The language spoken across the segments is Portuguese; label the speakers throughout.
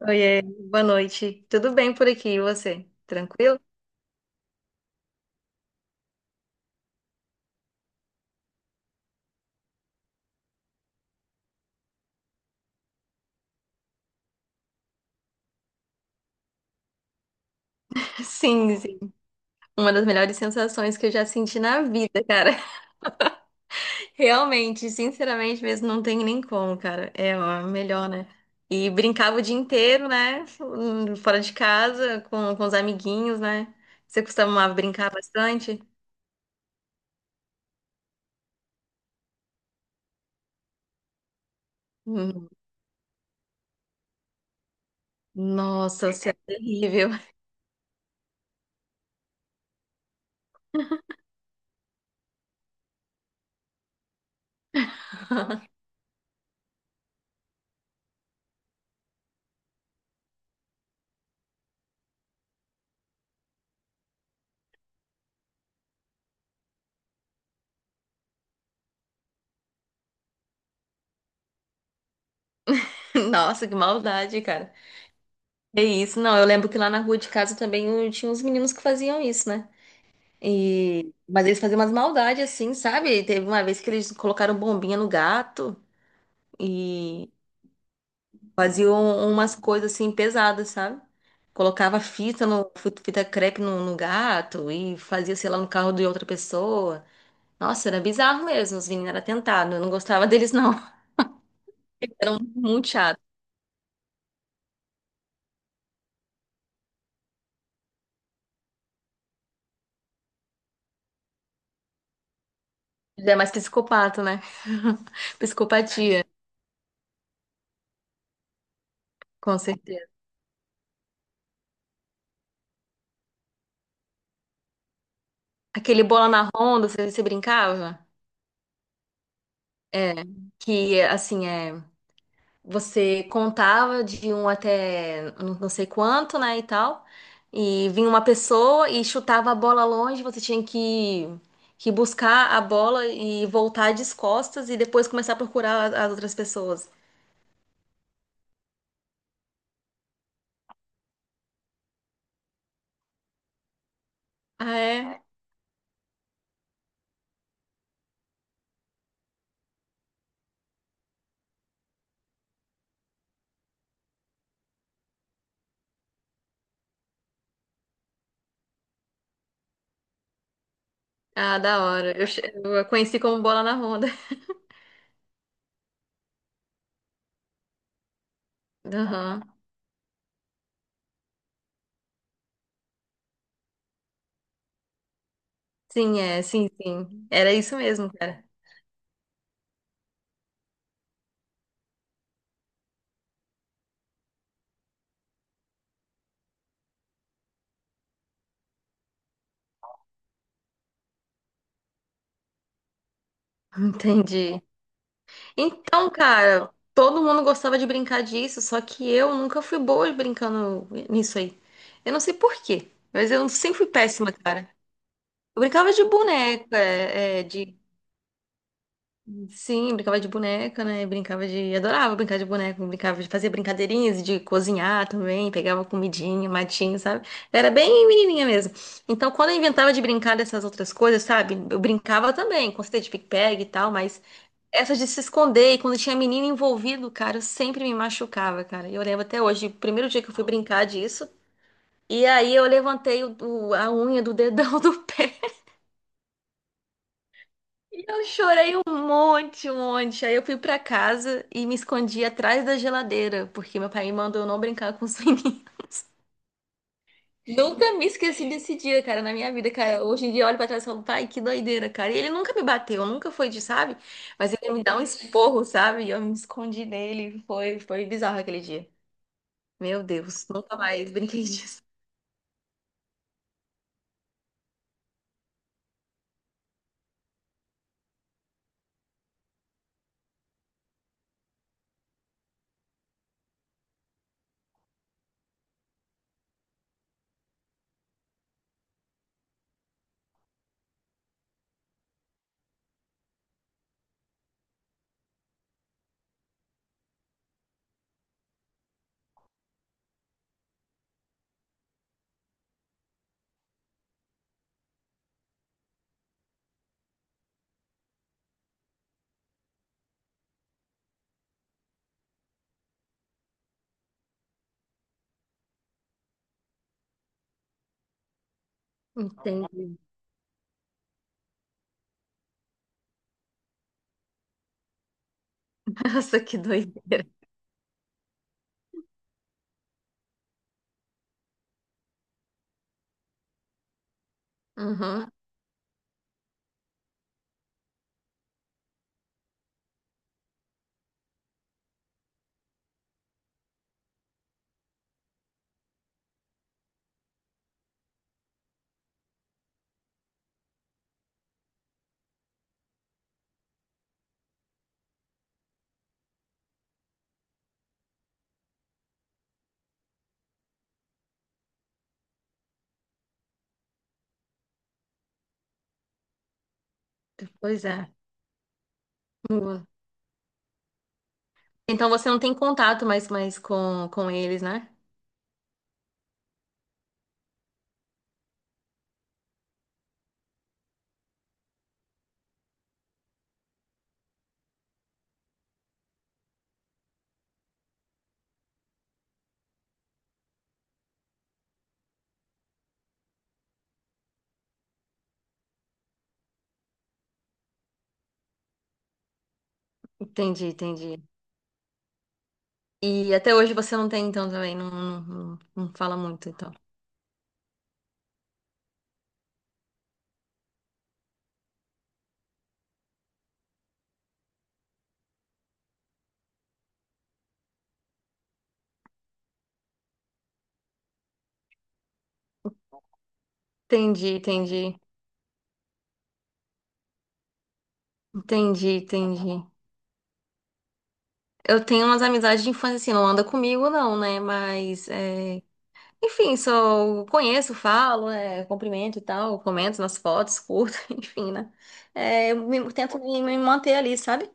Speaker 1: Oiê, boa noite. Tudo bem por aqui, e você? Tranquilo? Sim, sim. Uma das melhores sensações que eu já senti na vida, cara. Realmente, sinceramente mesmo, não tem nem como, cara. É ó, melhor, né? E brincava o dia inteiro, né? Fora de casa, com os amiguinhos, né? Você costumava brincar bastante? Hum. Nossa, você é terrível. Nossa, que maldade, cara. É isso, não. Eu lembro que lá na rua de casa também tinha uns meninos que faziam isso, né? E mas eles faziam umas maldades assim, sabe? Teve uma vez que eles colocaram bombinha no gato e faziam umas coisas assim pesadas, sabe? Colocava fita no fita crepe no gato e fazia, sei lá, no carro de outra pessoa. Nossa, era bizarro mesmo, os meninos eram atentados. Eu não gostava deles, não. Eram muito chatos. Eles é mais psicopata, né? Psicopatia, com certeza. Aquele bola na ronda, você, você brincava? É. Que assim é. Você contava de um até não sei quanto, né, e tal. E vinha uma pessoa e chutava a bola longe, você tinha que buscar a bola e voltar de costas e depois começar a procurar as outras pessoas. Ah, é? Ah, da hora. Eu a conheci como bola na ronda. Aham. Sim, é, sim, sim. Era isso mesmo, cara. Entendi. Então, cara, todo mundo gostava de brincar disso, só que eu nunca fui boa brincando nisso aí. Eu não sei por quê, mas eu sempre fui péssima, cara. Eu brincava de boneca, é, é, de. Sim, brincava de boneca, né? Brincava de adorava brincar de boneca, brincava de fazer brincadeirinhas, de cozinhar também, pegava comidinha, matinho, sabe? Era bem menininha mesmo. Então, quando eu inventava de brincar dessas outras coisas, sabe? Eu brincava também, com certeza, de pique-pegue e tal, mas essa de se esconder, e quando tinha menino envolvido, cara, eu sempre me machucava, cara. E eu lembro até hoje, o primeiro dia que eu fui brincar disso, e aí eu levantei a unha do dedão do pé. E eu chorei um monte, um monte. Aí eu fui pra casa e me escondi atrás da geladeira, porque meu pai me mandou eu não brincar com os meninos. Nunca me esqueci desse dia, cara, na minha vida, cara. Hoje em dia eu olho pra trás e falo, pai, que doideira, cara. E ele nunca me bateu, nunca foi de, sabe? Mas ele me dá um esporro, sabe? E eu me escondi nele. Foi, foi bizarro aquele dia. Meu Deus, nunca mais brinquei disso. Entendi. Nossa, que doideira. Uhum. Pois é. Boa. Então você não tem contato mais, mais com eles, né? Entendi, entendi. E até hoje você não tem, então, também. Não, não, não, não fala muito, então. Entendi, entendi. Entendi, entendi. Eu tenho umas amizades de infância, assim, não anda comigo, não, né? Mas é, enfim, só conheço, falo, né, cumprimento e tal, comento nas fotos, curto, enfim, né? É, tento me manter ali, sabe?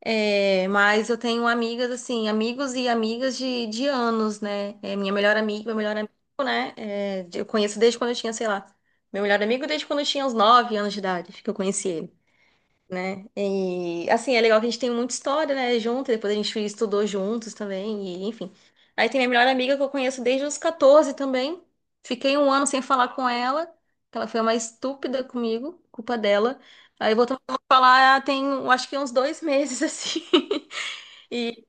Speaker 1: É, mas eu tenho amigas, assim, amigos e amigas de anos, né? É, minha melhor amiga, meu melhor amigo, né? É, de- eu conheço desde quando eu tinha, sei lá, meu melhor amigo desde quando eu tinha uns 9 anos de idade, que eu conheci ele, né? E assim, é legal que a gente tem muita história, né, junto, e depois a gente estudou juntos também, e enfim. Aí tem minha melhor amiga que eu conheço desde os 14 também. Fiquei um ano sem falar com ela, que ela foi a mais estúpida comigo, culpa dela. Aí voltamos a falar, ah, tem, eu acho que uns dois meses assim. E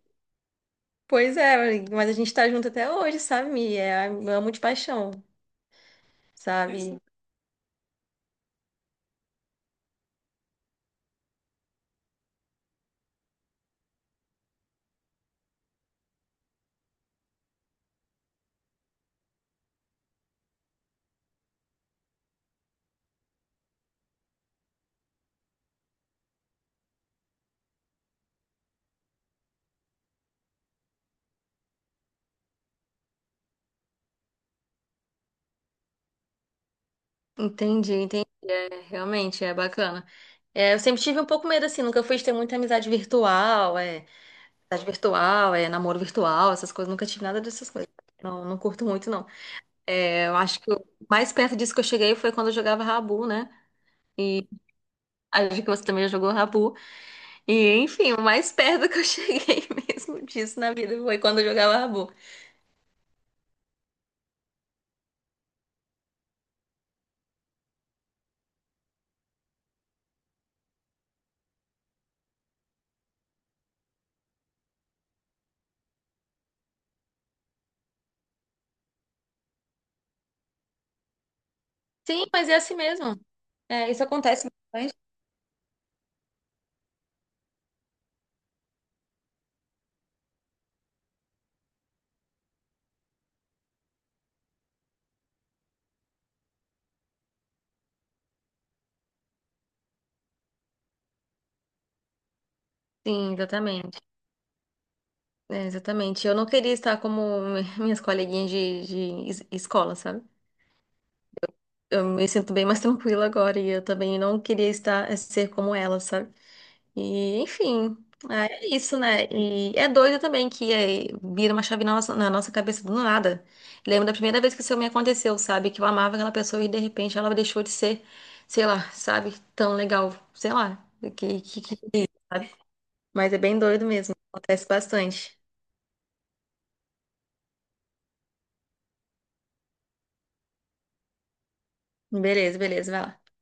Speaker 1: pois é, mas a gente tá junto até hoje, sabe? Mi? É, eu amo de paixão, sabe? Entendi, entendi. É, realmente, é bacana. É, eu sempre tive um pouco medo, assim, nunca fui de ter muita amizade virtual, é, namoro virtual, essas coisas, nunca tive nada dessas coisas. Não, não curto muito, não. É, eu acho que o mais perto disso que eu cheguei foi quando eu jogava Rabu, né? E acho que você também já jogou Rabu. E, enfim, o mais perto que eu cheguei mesmo disso na vida foi quando eu jogava Rabu. Sim, mas é assim mesmo. É, isso acontece bastante. Sim, exatamente. É, exatamente. Eu não queria estar como minhas coleguinhas de, escola, sabe? Eu me sinto bem mais tranquila agora e eu também não queria estar ser como ela, sabe? E enfim, é isso, né? E é doido também que é, vira uma chave na nossa cabeça do nada. Lembro da primeira vez que isso me aconteceu, sabe? Que eu amava aquela pessoa e de repente ela deixou de ser, sei lá, sabe? Tão legal, sei lá, que, que, que- sabe? Mas é bem doido mesmo, acontece bastante. Beleza, beleza, vai lá.